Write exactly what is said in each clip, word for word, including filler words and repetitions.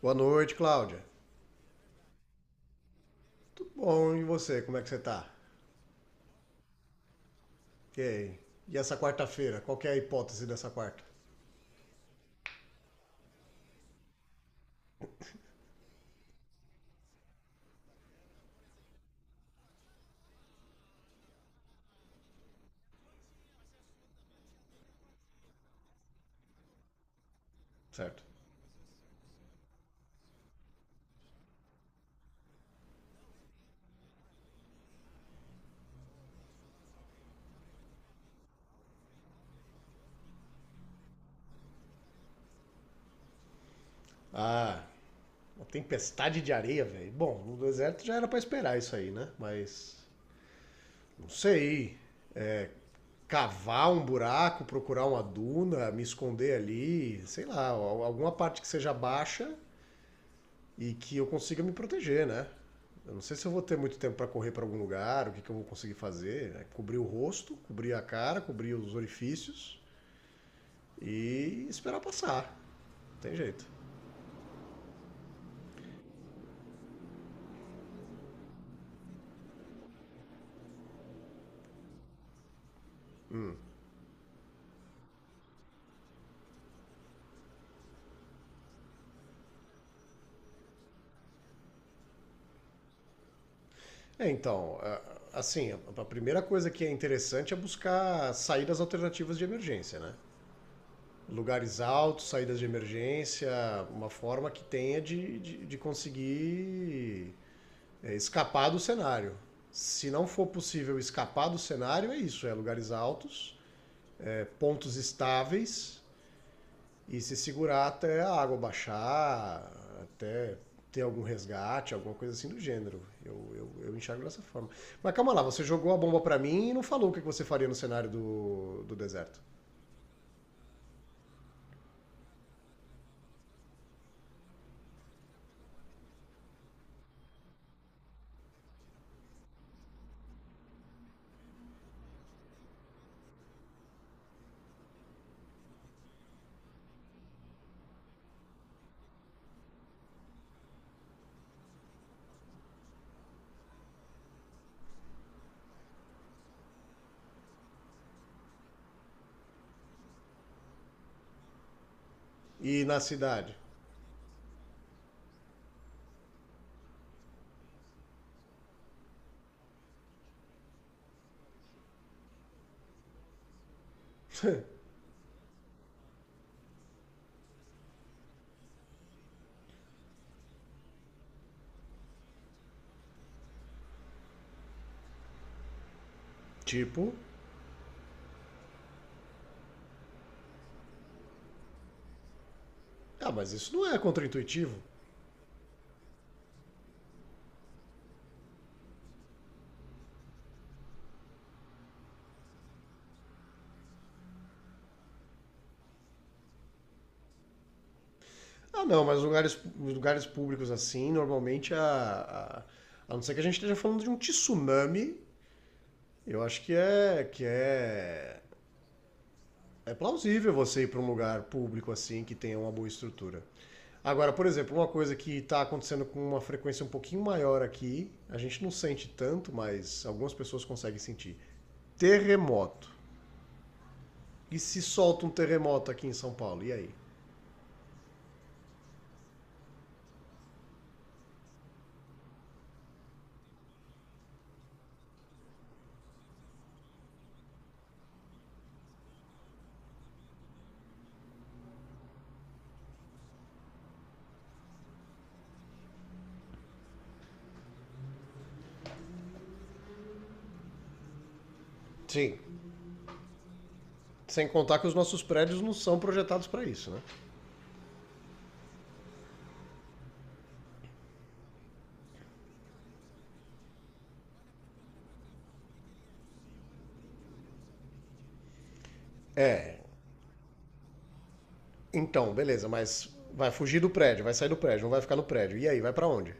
Boa noite, Cláudia. Bom, e você, como é que você tá? Ok. E essa quarta-feira, qual que é a hipótese dessa quarta? Certo. Ah, uma tempestade de areia, velho. Bom, no deserto já era pra esperar isso aí, né? Mas não sei. Cavar um buraco, procurar uma duna, me esconder ali, sei lá, alguma parte que seja baixa e que eu consiga me proteger, né? Eu não sei se eu vou ter muito tempo pra correr pra algum lugar, o que, que eu vou conseguir fazer, né? Cobrir o rosto, cobrir a cara, cobrir os orifícios e esperar passar. Não tem jeito. É, então, é, assim, a primeira coisa que é interessante é buscar saídas alternativas de emergência, né? Lugares altos, saídas de emergência, uma forma que tenha de, de, de conseguir, é, escapar do cenário. Se não for possível escapar do cenário, é isso: é lugares altos, é pontos estáveis e se segurar até a água baixar, até ter algum resgate, alguma coisa assim do gênero. Eu, eu, eu enxergo dessa forma. Mas calma lá, você jogou a bomba pra mim e não falou o que você faria no cenário do, do deserto. E na cidade? Tipo, ah, mas isso não é contraintuitivo. Ah, não, mas lugares, lugares públicos assim, normalmente, a, a, a não ser que a gente esteja falando de um tsunami, eu acho que é que é, é plausível você ir para um lugar público assim que tenha uma boa estrutura. Agora, por exemplo, uma coisa que está acontecendo com uma frequência um pouquinho maior aqui, a gente não sente tanto, mas algumas pessoas conseguem sentir. Terremoto. E se solta um terremoto aqui em São Paulo? E aí? Sim, sem contar que os nossos prédios não são projetados para isso, né? É. Então, beleza, mas vai fugir do prédio, vai sair do prédio, não vai ficar no prédio. E aí, vai para onde?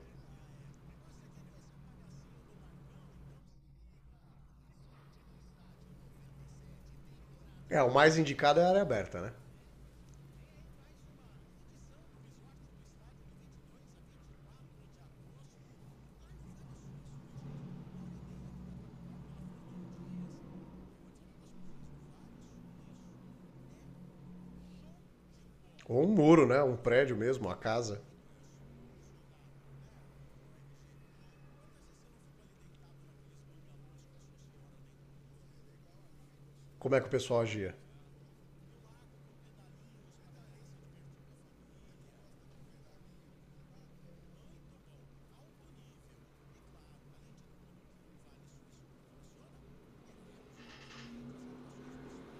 É, o mais indicado é a área aberta, né? Ou um muro, né? Um prédio mesmo, uma casa. Como é que o pessoal agia?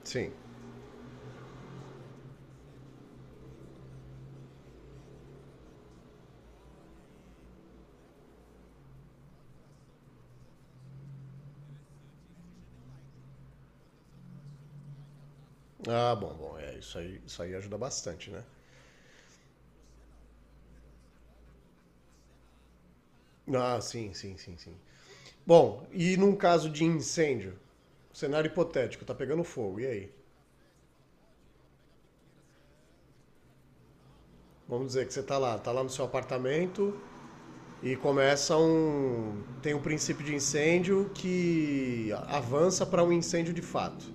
Sim. Ah, bom, bom, é, isso aí, isso aí ajuda bastante, né? Ah, sim, sim, sim, sim. Bom, e num caso de incêndio? Cenário hipotético, tá pegando fogo, e aí? Vamos dizer que você tá lá, tá lá no seu apartamento e começa um. Tem um princípio de incêndio que avança para um incêndio de fato.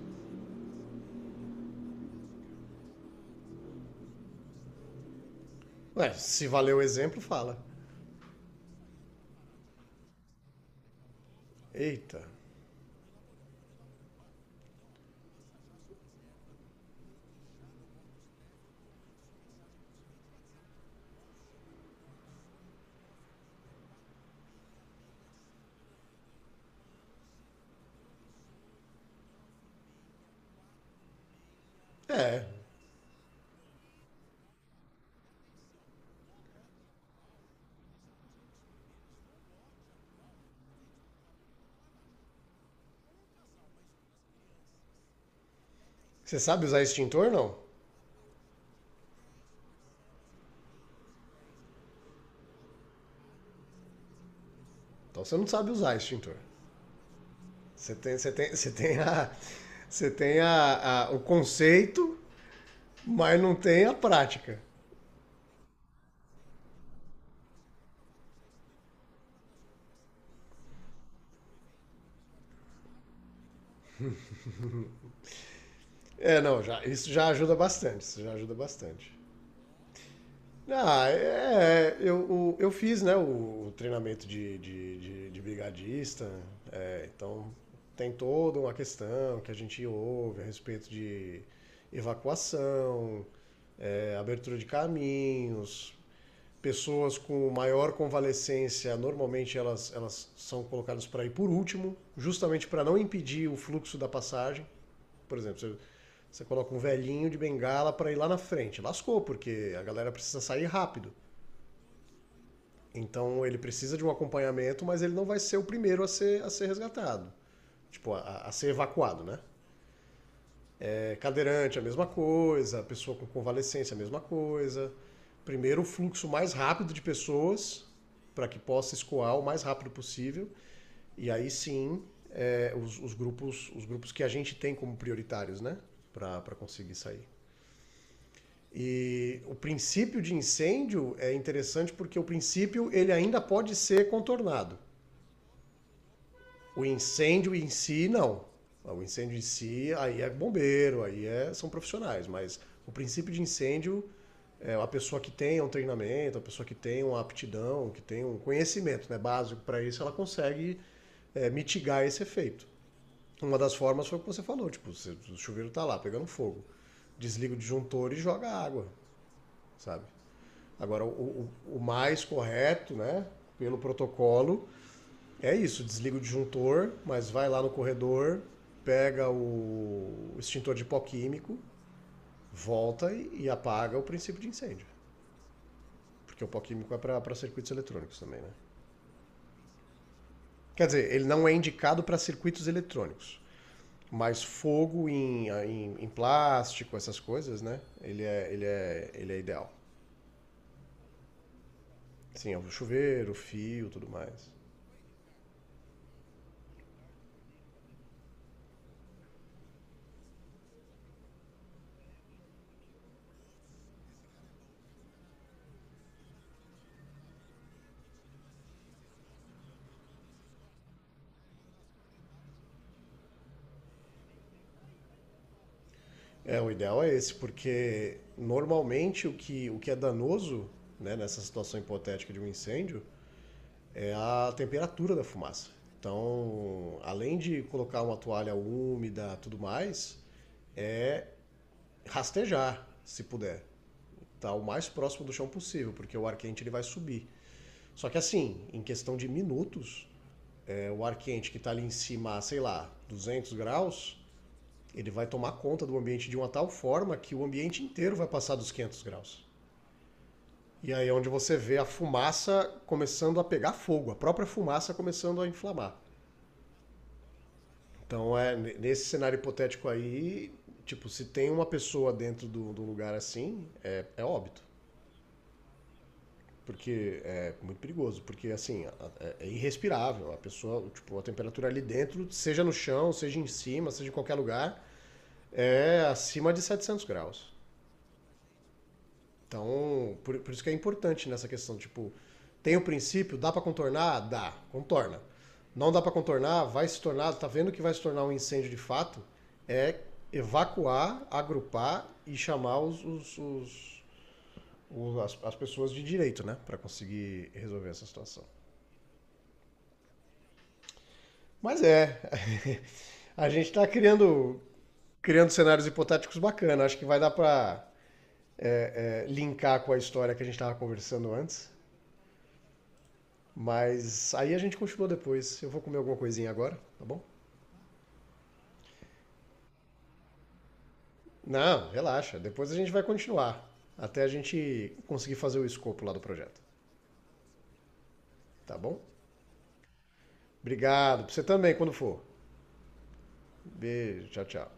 Ué, se valer o exemplo, fala. Eita. É. Você sabe usar extintor, não? Então você não sabe usar extintor. Você tem, você tem, você tem a. Você tem a, a- o conceito, mas não tem a prática. É, não, já, Isso já ajuda bastante, isso já ajuda bastante. Ah, é, é, eu, o- eu fiz, né, o, o treinamento de, de, de- de brigadista, é, então tem toda uma questão que a gente ouve a respeito de evacuação, é, abertura de caminhos, pessoas com maior convalescência, normalmente elas, elas são colocadas para ir por último, justamente para não impedir o fluxo da passagem. Por exemplo, você coloca um velhinho de bengala para ir lá na frente. Lascou, porque a galera precisa sair rápido. Então ele precisa de um acompanhamento, mas ele não vai ser o primeiro a ser, a ser resgatado. Tipo, a, a ser evacuado, né? É, cadeirante, a mesma coisa. Pessoa com convalescência, a mesma coisa. Primeiro, o fluxo mais rápido de pessoas para que possa escoar o mais rápido possível. E aí sim, é, os, os, grupos, os grupos que a gente tem como prioritários, né? Para conseguir sair. E o princípio de incêndio é interessante porque o princípio ele ainda pode ser contornado. O incêndio em si não. O incêndio em si aí é bombeiro, aí é, são profissionais, mas o princípio de incêndio é a pessoa que tem um treinamento, a pessoa que tem uma aptidão, que tem um conhecimento, né, básico para isso, ela consegue, é, mitigar esse efeito. Uma das formas foi o que você falou, tipo, o chuveiro está lá pegando fogo, desliga o disjuntor e joga água, sabe? Agora, o, o, o mais correto, né, pelo protocolo, é isso: desliga o disjuntor, mas vai lá no corredor, pega o extintor de pó químico, volta e, e apaga o princípio de incêndio. Porque o pó químico é para circuitos eletrônicos também, né? Quer dizer, ele não é indicado para circuitos eletrônicos, mas fogo em, em, em, plástico, essas coisas, né? Ele é, ele é, ele é ideal. Sim, é o chuveiro, o fio, tudo mais. É, o ideal é esse, porque normalmente o que, o que é danoso, né, nessa situação hipotética de um incêndio é a temperatura da fumaça. Então, além de colocar uma toalha úmida, tudo mais, rastejar, se puder, tá o mais próximo do chão possível, porque o ar quente ele vai subir. Só que assim, em questão de minutos, é, o ar quente que está ali em cima, sei lá, duzentos graus, ele vai tomar conta do ambiente de uma tal forma que o ambiente inteiro vai passar dos quinhentos graus. E aí é onde você vê a fumaça começando a pegar fogo, a própria fumaça começando a inflamar. Então, é nesse cenário hipotético aí, tipo, se tem uma pessoa dentro do, do lugar assim, é, é óbito. Porque é muito perigoso, porque assim, é, é irrespirável. A pessoa, tipo, a temperatura ali dentro, seja no chão, seja em cima, seja em qualquer lugar, é acima de setecentos graus. Então, por, por isso que é importante nessa questão, tipo, tem o princípio, dá para contornar? Dá, contorna. Não dá para contornar, vai se tornar, tá vendo que vai se tornar um incêndio de fato? É evacuar, agrupar e chamar os, os- os- os- as, as pessoas de direito, né? Para conseguir resolver essa situação. Mas é, a gente tá criando, criando cenários hipotéticos bacanas. Acho que vai dar para é, é, linkar com a história que a gente estava conversando antes. Mas aí a gente continua depois. Eu vou comer alguma coisinha agora, tá bom? Não, relaxa. Depois a gente vai continuar. Até a gente conseguir fazer o escopo lá do projeto, tá bom? Obrigado. Pra você também, quando for. Beijo, tchau, tchau.